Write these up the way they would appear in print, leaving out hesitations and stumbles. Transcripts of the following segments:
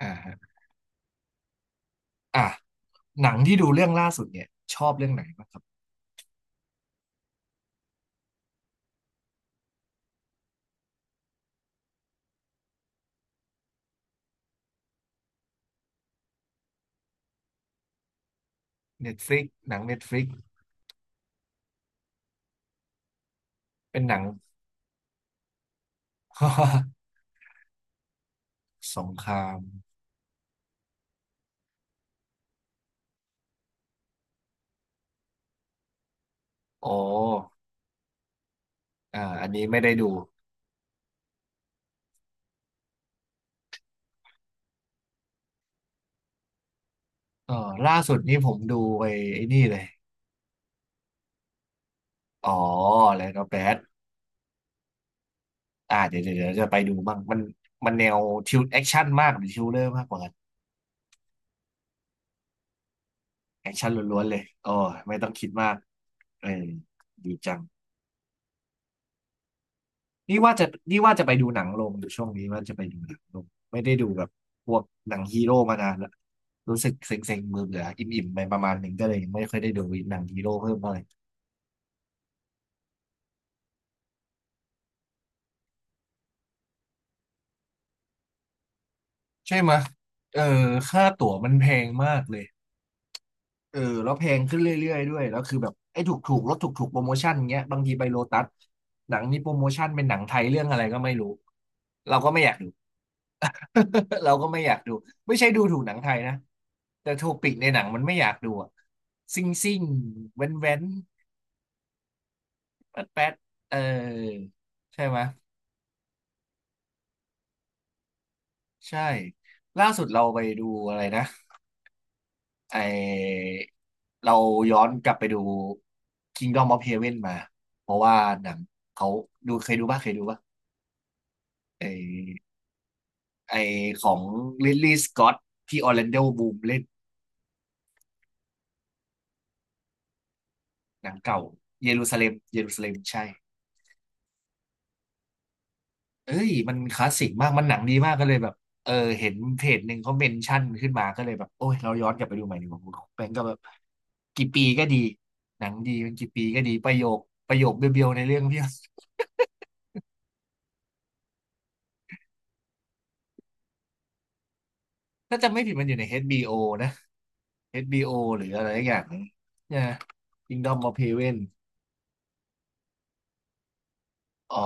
อ่าฮะอ่ะหนังที่ดูเรื่องล่าสุดเนี่ยชอบเรื่องไหนบ้างครับ Netflix หนัง Netflix เป็นหนัง สงครามโอ้อ่าอันนี้ไม่ได้ดูเออล่าสุดนี่ผมดูไปไอ้นี่เลยอ๋อแล้วก็แบทอ่าเดี๋ยวจะไปดูบ้างมันแนวทิวแอคชั่นมากหรือทิวเลอร์มากกว่ากันแอคชั่นล้วนๆเลยอ๋อไม่ต้องคิดมากเออดีจัง นี่ว่าจะไปดูหนังลงอูช่วงนี้ว่าจะไปดูหนังลงไม่ได้ดูแบบพวกหนังฮีโร่มานานละรู้สึกเซ็งๆมือเบื่ออิ่มๆไปประมาณหนึ่งก็เลยยังไม่ค่อยได้ดูหนังฮีโร่เพิ่มเท่าไหร่ใช่ไหมยเออค่าตั๋วมันแพงมากเลย เออแล้วแพงขึ้นเรื่อยๆด้วยแล้วคือแบบไอ้ถูกลดถูกโปรโมชั่นเงี้ยบางทีไปโลตัสหนังนี้โปรโมชั่นเป็นหนังไทยเรื่องอะไรก็ไม่รู้เราก็ไม่อยากดู เราก็ไม่อยากดูไม่ใช่ดูถูกหนังไทยนะแต่โทปิกในหนังมันไม่อยากดูอะซิ่งซิ่งแว้นแว้นแป๊ดแป๊ดเออใช่ไหมยใช่ล่าสุดเราไปดูอะไรนะ ไอเราย้อนกลับไปดู Kingdom of Heaven มาเพราะว่าหนังเขาดูเคยดูป่ะไอไอของลิลลี่สกอตที่ออร์แลนโดบ o ูมเล่นหนังเก่าเยรูซาเล็มใช่เอ้ยมันคลาสสิกมากมันหนังดีมากก็เลยแบบเออเห็นเพจหนึ่งเขาเมนชั่นขึ้นมาก็เลยแบบโอ้ยเราย้อนกลับไปดูใหม่ดีกว่าคุณแบงก์ก็แบบกี่ปีก็ดีหนังดีมันกี่ปีก็ดีประโยคเบียวๆในเรื่องเพียบ ถ้าจำไม่ผิดมันอยู่ใน HBO นะ HBO หรืออะไรอย่างนีเนี่ย Kingdom of Heaven อ๋อ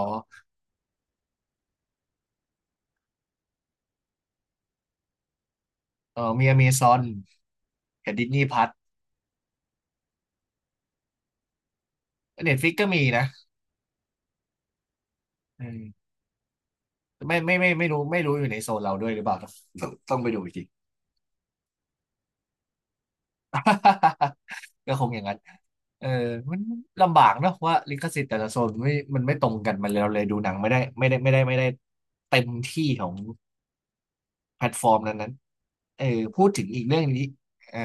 เออมี Amazon กับ Disney Plus Netflix ก็มีนะเออไม่รู้อยู่ในโซนเราด้วยหรือเปล่าต้องไปดูอีกที ก็คงอย่างนั้นเออมันลำบากเนอะว่าลิขสิทธิ์แต่ละโซนไม่มันไม่ตรงกันมันเลยเราเลยดูหนังไม่ได้เต็มที่ของแพลตฟอร์มนั้นๆเออพูดถึงอีกเรื่องนี้อ่า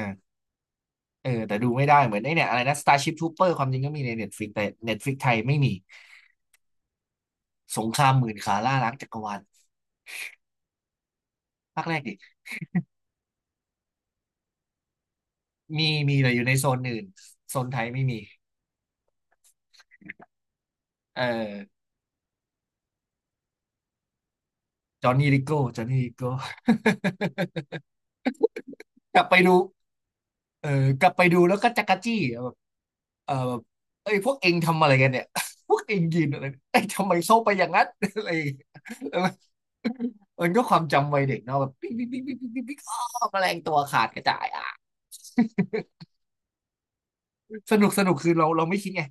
เออแต่ดูไม่ได้เหมือนไอ้เนี่ยอะไรนะ Starship Trooper ความจริงก็มีใน Netflix แต่ Netflix ไทยไม่มีสงครามหมื่นขาล่าล้างจักรวาลภาคแรกดิมีมีแต่อยู่ในโซนอื่นโซนไทยไม่มีเออจอห์นนี่ลิโก้ กลับไปดูเออกลับไปดูแล้วก็จักรจี้อะแบบเออแบบเอ้ยพวกเองทำอะไรกันเนี่ย พวกเองยืนอะไรเอ้ยทำไมเข้าไปอย่างนั้น อะไรอย่างเงี้ยแล้วมันก็ความจำวัยเด็กเนาะแบบปิ๊งปิ๊งปิ๊งปิ๊งปิ๊งปิ๊งอ้อแมลงตัวขาดกระจายอ่ะ สนุกสนุกคือเราไม่คิดไง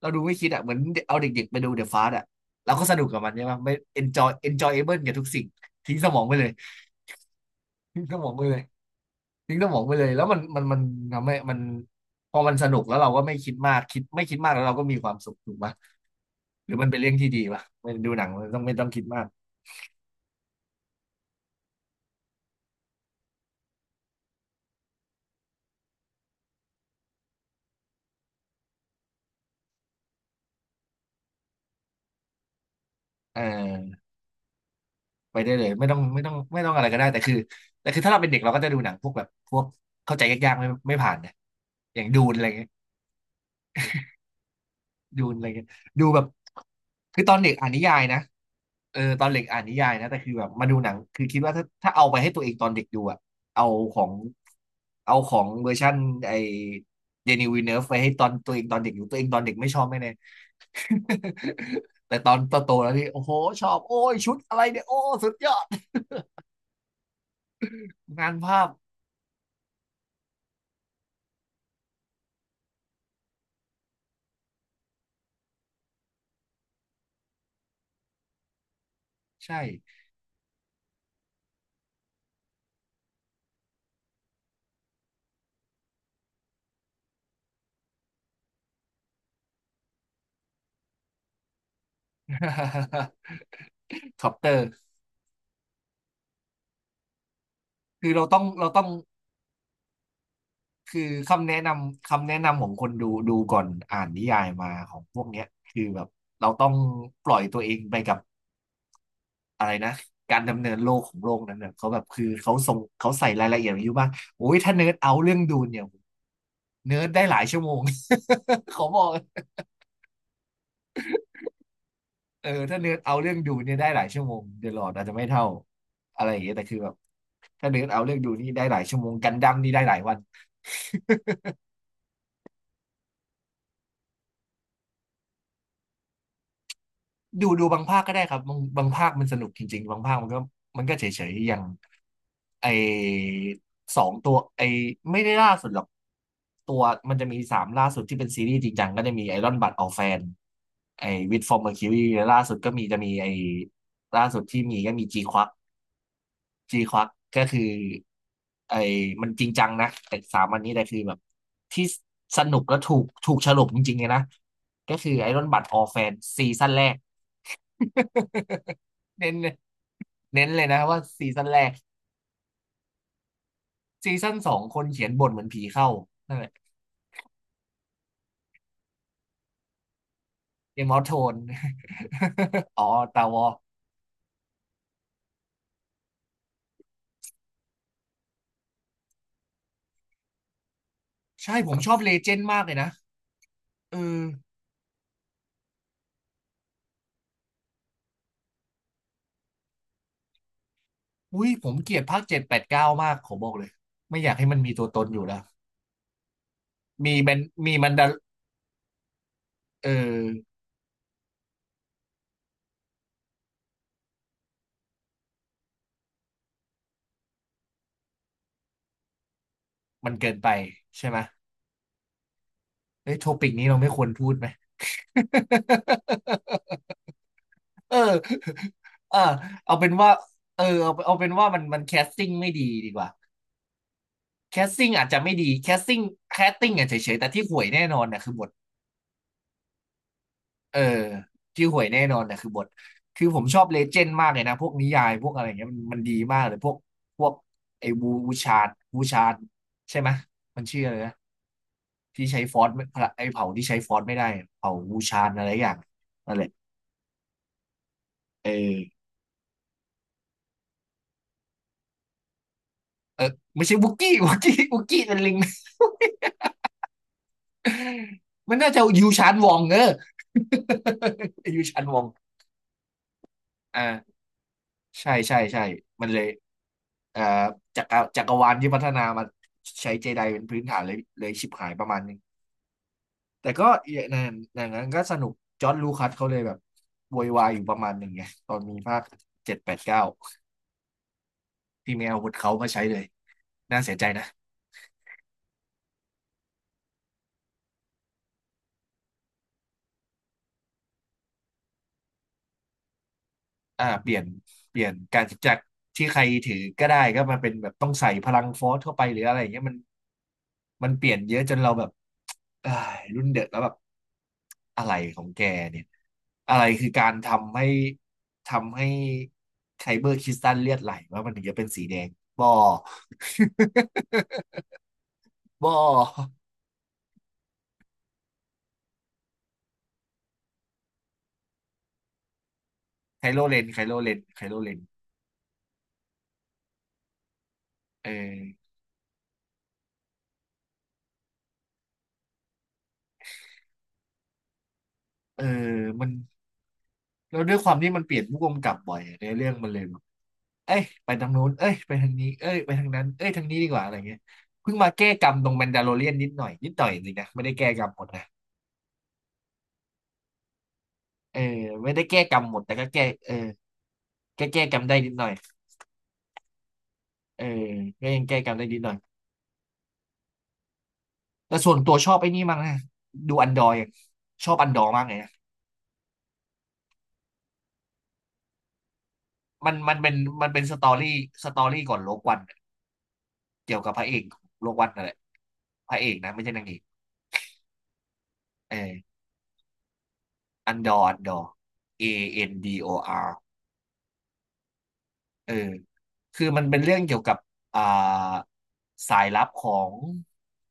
เราดูไม่คิดอ่ะเหมือนเอาเด็กๆไปดูเดอะฟาสอ่ะเราก็สนุกกับมันใช่ไหมไม่ enjoy enjoyable กับทุกสิ่งทิ้งสมองไปเลยทิ้งสมองไปเลยทิ้งสมองไปเลยแล้วมันทำให้มันพอมันสนุกแล้วเราก็ไม่คิดมากไม่คิดมากแล้วเราก็มีความสุขถูกปะหรือมันเป็นเรื่องที่ดีปะไม่ดูหนังมันต้องไม่ต้องคิดมากเออไปได้เลยไม่ต้องอะไรก็ได้แต่คือถ้าเราเป็นเด็กเราก็จะดูหนังพวกแบบพวกเข้าใจยากๆไม่ผ่านนะอย่างดูนอะไร ดูอะไรเงี้ยดูแบบคือตอนเด็กอ่านนิยายนะเออตอนเด็กอ่านนิยายนะแต่คือแบบมาดูหนังคือคิดว่าถ้าเอาไปให้ตัวเองตอนเด็กดูอะเอาของเวอร์ชันไอเดนิวินเนร์ฟไปให้ตอนตัวเองตอนเด็กดูตัวเองตอนเด็กไม่ชอบแน่ แต่ตอนโตๆแล้วนี่โอ้โหชอบโอ้ยชุดอะไรเนี่ยโอ้สุดยอดงานภาพใช่ คอปเตอร์คือเราต้อง คือคำแนะนำของคนดูดูก่อนอ่านนิยายมาของพวกเนี้ยคือแบบเราต้องปล่อยตัวเองไปกับอะไรนะการดำเนินโลกของโลกนั้นเนี่ยเขาแบบคือเขาส่งเขาใส่รายละเอียดไว้เยอะมากโอ้ยถ้าเนิร์ดเอาเรื่องดูนเนี่ยเนิร์ดได้หลายชั่วโมง เขาบอกเออถ้าเนิร์ดเอาเรื่องดูนเนี่ยได้หลายชั่วโมงเดอะลอร์ดอาจจะไม่เท่าอะไรอย่างเงี้ยแต่คือแบบถ้าเนิร์ดเอาเรื่องดูนี่ได้หลายชั่วโมงกันดั้มนี่ได้หลายวันดูบางภาคก็ได้ครับบางภาคมันสนุกจริงๆบางภาคมันก็เฉยๆอย่าง ไอ้สองตัวไอ้ไม่ได้ล่าสุดหรอกตัวมันจะมีสามล่าสุดที่เป็นซีรีส์จริงจังก็จะมีไอรอนบัดออลแฟนไอ้วิดฟอร์มเมอร์คิวรีล่าสุดก็มีจะมีไอ้ล่าสุดที่มีก็มีจีควักก็คือไอ้มันจริงจังนะแต่สามอันนี้แต่คือแบบที่สนุกและถูกฉลกจริงๆเลยนะก็คือไอรอนบัดออลแฟนซีซั่นแรก เน้นเน้นเลยนะว่าซีซั่นแรกซีซั่นสองคนเขียนบทเหมือนผีเข้า เกม ออฟโทน อ๋อตาวอใช่ผมชอบเลเจนด์มากเลยนะเอออุ้ยผมเกลียดภาคเจ็ดแปดเก้ามากผมบอกเลยไม่อยากให้มันมีตัวตนอยู่แล้วมีมันมีมันดาเออมันเกินไปใช่ไหมเอ้ยโทปิกนี้เราไม่ควรพูดไหม เออเออเอาเป็นว่าเออเอาเป็นว่ามันแคสติ้งไม่ดีกว่าแคสติ้งอาจจะไม่ดีแคสติ้งแคสติ้งอ่ะเฉยๆแต่ที่ห่วยแน่นอนเนี่ยคือบท เออชื่อหวยแน่นอนนะคือบทคือผมชอบเลเจนด์มากเลยนะพวกนิยายพวกอะไรเงี้ยมันดีมากเลยพวกไอ้วูชาดวูชาดใช่ไหมยมันชื่ออะไรนะที่ใช้ฟอสไม่ไอ้เผ่าที่ใช้ฟอสไม่ได้เผ่าวูชาดอะไรอย่างนั่นแหละเออเออไม่ใช่วุกกี้ วุกกี้เป็นลิง มันน่าจะยูชานวองเออ ยูชานวองอ่า ใช่ใช่ใช่มันเลยเอ่อจักรวาลที่พัฒนามาใช้เจไดเป็นพื้นฐานเลยชิบหายประมาณนึงแต่ก็อย่างนั้นก็สนุกจอร์จลูคัสเขาเลยแบบโวยวายอยู่ประมาณหนึ่งไงตอนมีภาคเจ็ดแปดเก้าที่ไม่เอาอาวุธเขามาใช้เลยน่าเสียใจนะอ่าเปลี่ยนเปลี่ยนการจากที่ใครถือก็ได้ก็มาเป็นแบบต้องใส่พลังฟอร์สเข้าไปหรืออะไรอย่างเงี้ยมันเปลี่ยนเยอะจนเราแบบเอ้ยรุ่นเด็กแล้วแบบ อะไรของแกเนี่ยอะไรคือการทำให้ไคเบอร์คริสตัลเลือดไหลว่ามันถึงจะเป็นสีแดงบอ บอไคโลเรนไคโลเรนไคโลเรนเออเออมันแล้วด้วยความที่มันเปลี่ยนผู้กำกับบ่อยในเรื่องมันเลยแบบเอ้ยไปทางโน้นเอ้ยไปทางนี้เอ้ยไปทางนั้นเอ้ยทางนี้ดีกว่าอะไรเงี้ยเพิ่งมาแก้กรรมตรงแมนดาโลเรียนนิดหน่อยจริงนะไม่ได้แก้กรรมหมดนะเออไม่ได้แก้กรรมหมดแต่ก็แก้เออแก้กรรมได้นิดหน่อย เออก็ยังแก้กรรมได้นิดหน่อย แต่ส่วนตัวชอบไอ้นี่มากนะดูอันดอร์อย่างชอบอันดอร์มากเลยนะมันเป็นมันเป็นสตอรี่ก่อนโลกวันอะเกี่ยวกับพระเอกของโลกวันนั่นแหละพระเอกนะไม่ใช่นางเอกเอออันดอร์ Andor เออคือมันเป็นเรื่องเกี่ยวกับอ่าสายลับ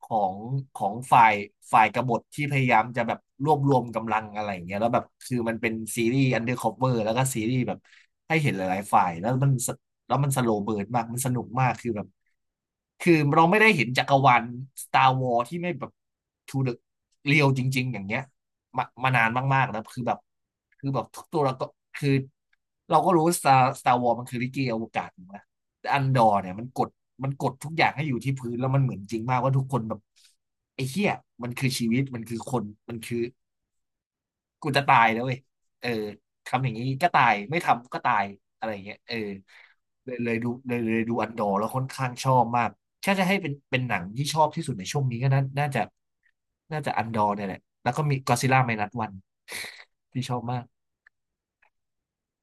ของของฝ่ายกบฏที่พยายามจะแบบรวบรวมกำลังอะไรอย่างเงี้ยแล้วแบบคือมันเป็นซีรีส์อันเดอร์คอเอร์แล้วก็ซีรีส์แบบให้เห็นหลายๆฝ่ายแล้วมันสโลว์เบิร์นมากมันสนุกมากคือแบบคือเราไม่ได้เห็นจักรวาล Star Wars ที่ไม่แบบ to the real จริงๆอย่างเงี้ย มานานมากๆแล้วคือแบบคือแบบทุกตัวเราก็คือเราก็รู้สตาร์วอร์มันคือลิเกอวกาศถูกไหมแต่อันดอร์เนี่ยมันกดทุกอย่างให้อยู่ที่พื้นแล้วมันเหมือนจริงมากว่าทุกคนแบบไอ้เหี้ยมันคือชีวิตมันคือคนมันคือ กูจะตายแล้วเว้ยเออทำอย่างนี้ก็ตาย ไม่ทำก็ตาย อะไรอย่างเงี้ยเออเลยเลยดูเลยเลยดูอันดอร์แล้วค่อนข้างชอบมากถ้าจะให้เป็นหนังที่ชอบที่สุดในช่วงนี้ก็น่าจะน่าจะอันดอร์เนี่ยแหละแล้วก็มีก็ซิล่าไมนัสวันที่ชอบมาก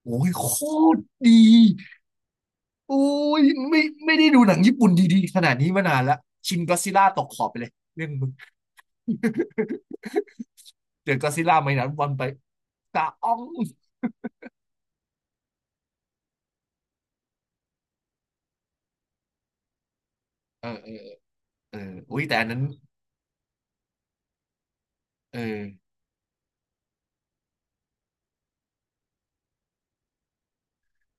โอ้ยโคตรดีโอ้ยไม่ไม่ได้ดูหนังญี่ปุ่นดีๆขนาดนี้มานานละชินก็ซิล่าตกขอบไปเลยเรื่องมึง เดี๋ยวก็ซิล่าไมนัสวันไปตาอ้องเออ เอออุ้ยแต่อันนั้นเออ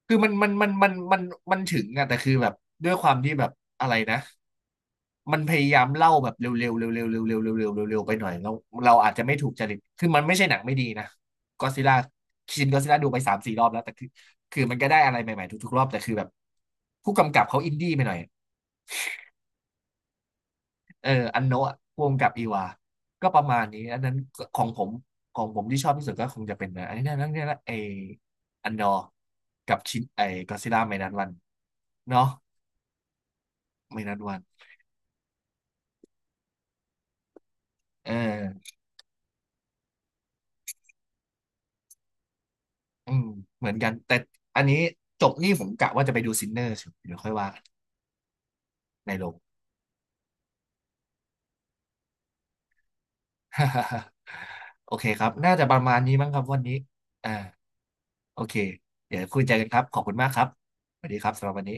คือมันมันถึงอะแต่คือแบบด้วยความที่แบบอะไรนะ มันพยายามเล่าแบบเร็วๆเร็วๆเร็วๆเร็วๆเร็วๆเร็วๆเร็วๆไปหน่อยเราอาจจะไม่ถูกจริตคือมันไม่ใช่หนังไม่ดีนะก็ซิล่าชินก็ซิล่าดูไปสามสี่รอบแล้วแต่คือคือมันก็ได้อะไรใหม่ๆทุกๆรอบแต่คือแบบผู้กำกับเขาอินดี้ไปหน่อย เอออันโนะพ่วงกับอีวาก็ประมาณนี้อันนั้นของผมของผมที่ชอบที่สุดก็คงจะเป็นนะอันนี้นะนั่นนี่ละไออันดอร์กับชินไอกอซิล่าไมนัสวันเนาะไมนัสวันเอออืมเหมือนกันแต่อันนี้จบนี่ผมกะว่าจะไปดูซินเนอร์เดี๋ยวค่อยว่ากันในโรง โอเคครับน่าจะประมาณนี้มั้งครับวันนี้อ่าโอเคเดี๋ยวคุยใจกันครับขอบคุณมากครับสวัสดีครับสำหรับวันนี้